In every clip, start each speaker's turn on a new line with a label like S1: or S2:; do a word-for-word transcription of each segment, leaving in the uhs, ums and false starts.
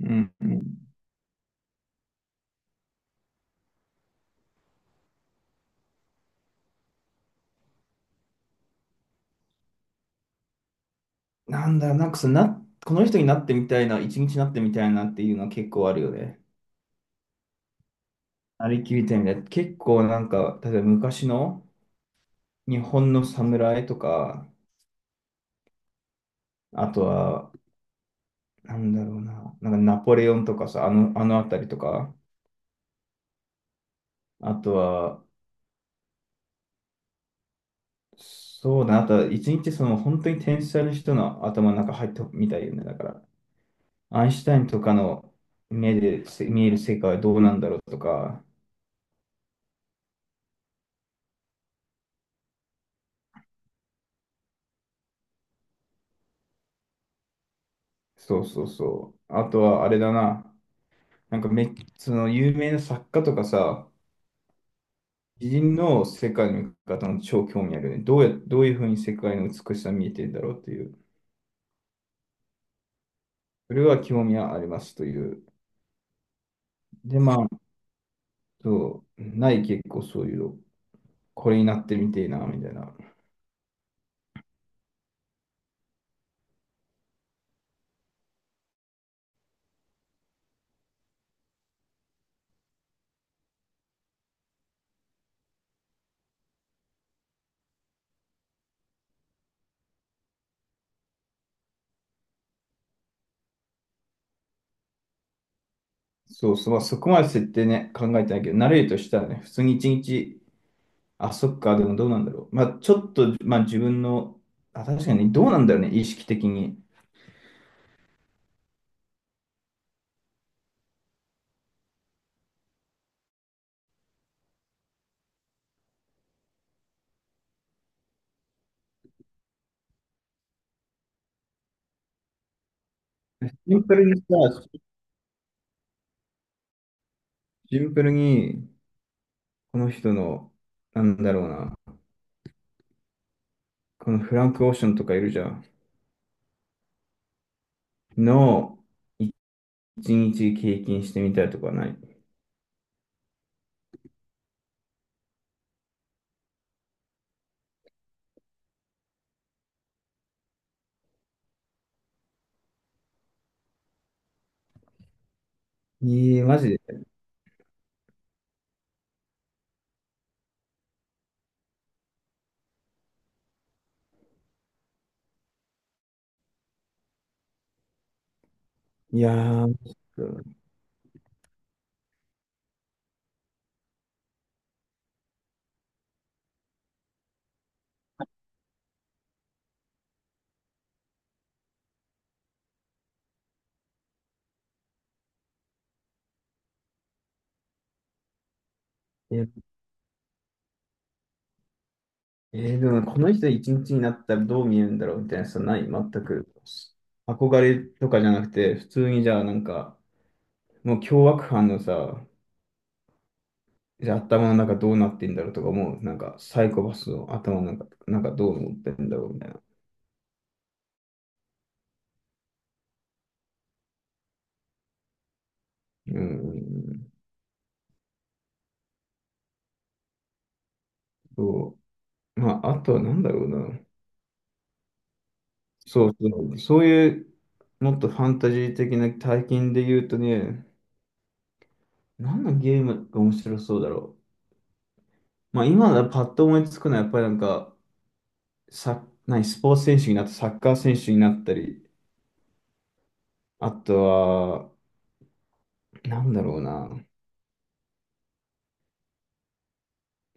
S1: うんうん。なんだろう、なんかそのな、この人になってみたいな、一日になってみたいなっていうのは結構あるよね。なりきりたいみたいな。結構なんか、例えば昔の日本の侍とか、あとは、なんだろうな、なんかナポレオンとかさ、あの、あのあたりとか、あとは、そうだな、あとは一日その本当に天才の人の頭の中入ってみたいよね。だから、アインシュタインとかの目でせ見える世界はどうなんだろうとか、そうそうそう。あとは、あれだな。なんかめ、その有名な作家とかさ、偉人の世界の見方の超興味あるよね。どうや、どういうふうに世界の美しさ見えてるんだろうっていう。それは興味はありますという。で、まあ、そう、ない結構そういうの、これになってみてえな、みたいな。そうそう、まあ、そこまで設定ね、考えてないけど、慣れるとしたらね、普通に一日、あ、そっか、でもどうなんだろう。まあ、ちょっと、まあ自分の、あ、確かにどうなんだろうね、意識的に。シンプルにさ、シンプルにこの人の、なんだろうな、このフランク・オーシャンとかいるじゃん。の一日経験してみたいとかない。ええーマジで。いやー、ええーでもねこの人一日になったらどう見えるんだろうみたいなさ、ない全く。憧れとかじゃなくて、普通にじゃあなんか、もう凶悪犯のさ、じゃあ頭の中どうなってんだろうとか思う。なんかサイコパスの頭の中、なんかどう思ってんだろうみたいな。うん、そう。まあ、あとはなんだろうな。そう、そう、そういう、もっとファンタジー的な体験で言うとね、何のゲームが面白そうだろう。まあ、今だパッと思いつくのは、やっぱりなんか、サ何、スポーツ選手になった、サッカー選手になったり、あとは、なんだろうな。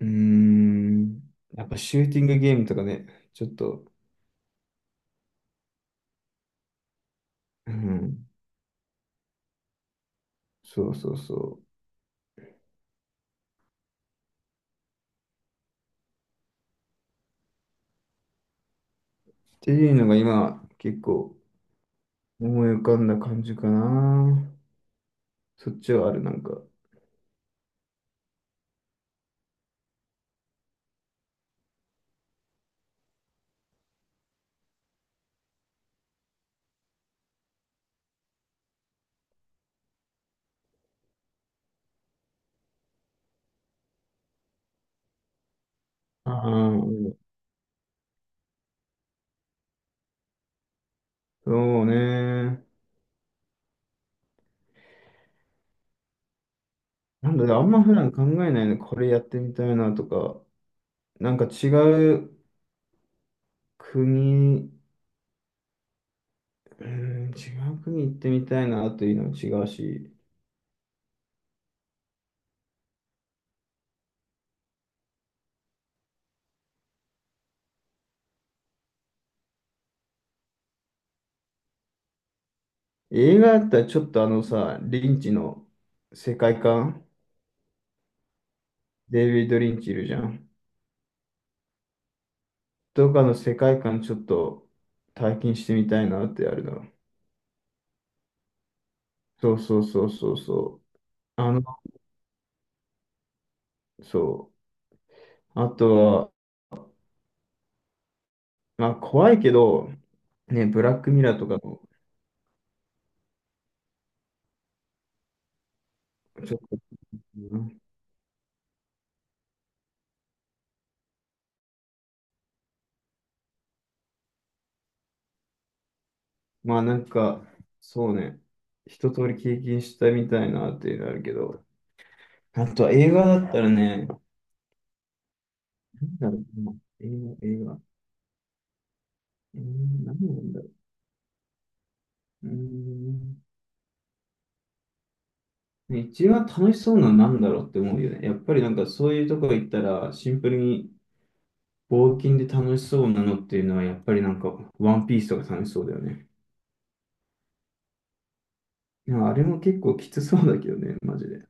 S1: うーん、やっぱシューティングゲームとかね、ちょっと、うん、そうそうそう。っていうのが今、結構思い浮かんだ感じかな。そっちはある、なんか。ああ、そうね。なんだろう、あんま普段考えないね。これやってみたいなとか、なんか違う国、うーん、違う国行ってみたいなというのも違うし、映画だったらちょっとあのさ、リンチの世界観、デイビッド・リンチいるじゃん。とかの世界観ちょっと体験してみたいなってあるな。そうそうそうそうそう。あの、そう。あとまあ怖いけど、ね、ブラックミラーとかも、ちょっと、うんまあなんか、そうね、一通り経験したみたいなっていうのあるけど、あとは映画だったらね、なんだろうな、映画、映画、えー、何なんだろう。うーん、ね一番楽しそうなのは何だろうって思うよね。やっぱりなんかそういうとこ行ったら、シンプルに冒険で楽しそうなのっていうのは、やっぱりなんか、ワンピースとか楽しそうだよね。でもあれも結構きつそうだけどね、マジで。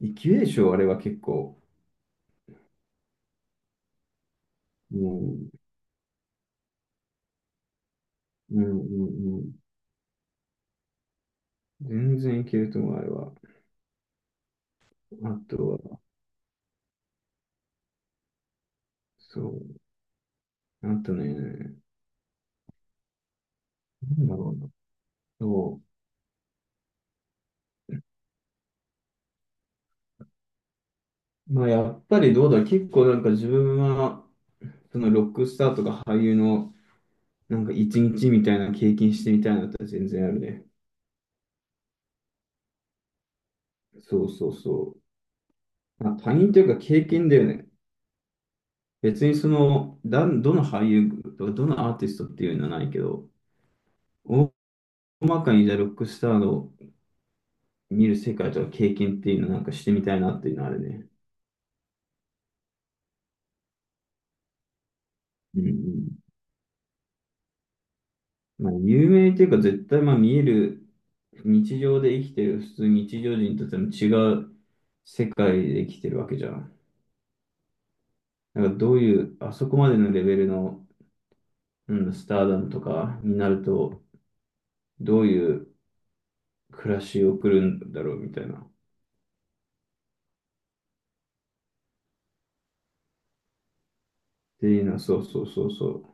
S1: いけるでしょ、あれは結構。うん、うん、うんうん。全然いけると思う、あれは。あとは、そう、あとね、なんだろうな。そう。まあ、やっぱりどうだろう、結構なんか自分は、そのロックスターとか俳優の、なんか一日みたいな経験してみたいなのって全然あるね。そうそうそう。まあ、他人というか経験だよね。別にその、だ、どの俳優とか、どのアーティストっていうのはないけど、大まかにじゃあロックスターの見る世界とか経験っていうのなんかしてみたいなっていうのはあるね。うんうん。まあ、有名っていうか絶対まあ見える、日常で生きてる普通日常人とでも違う世界で生きてるわけじゃん。だからどういう、あそこまでのレベルの、うん、スターダムとかになると、どういう暮らしを送るんだろうみたいな。っていうのは、そうそうそうそう。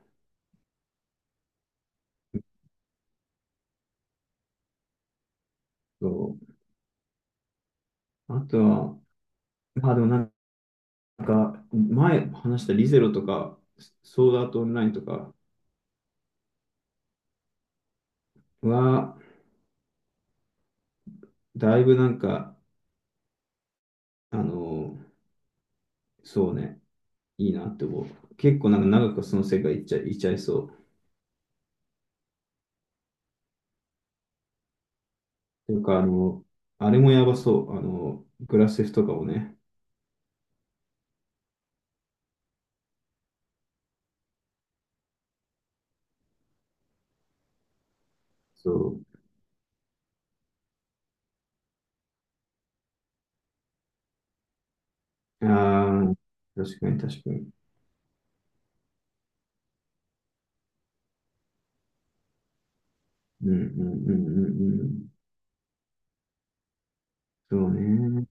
S1: そう。あとは、まあでもなんか、前話したリゼロとか、ソードアートオンラインとかは、だいぶなんか、あのー、そうね、いいなって思う。結構なんか長くその世界いっちゃい、いちゃいそう。というか、あのー、あれもやばそう。あのー、グラセフとかもね。そう。ああ、確かに確かに。うんうんうんうんうん。そうね。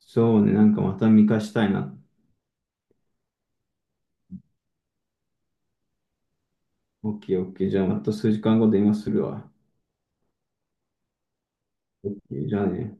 S1: そうね、なんかまた見返したいな。オッケーオッケー。じゃあまた数時間後電話するわ。オッケー、じゃあね。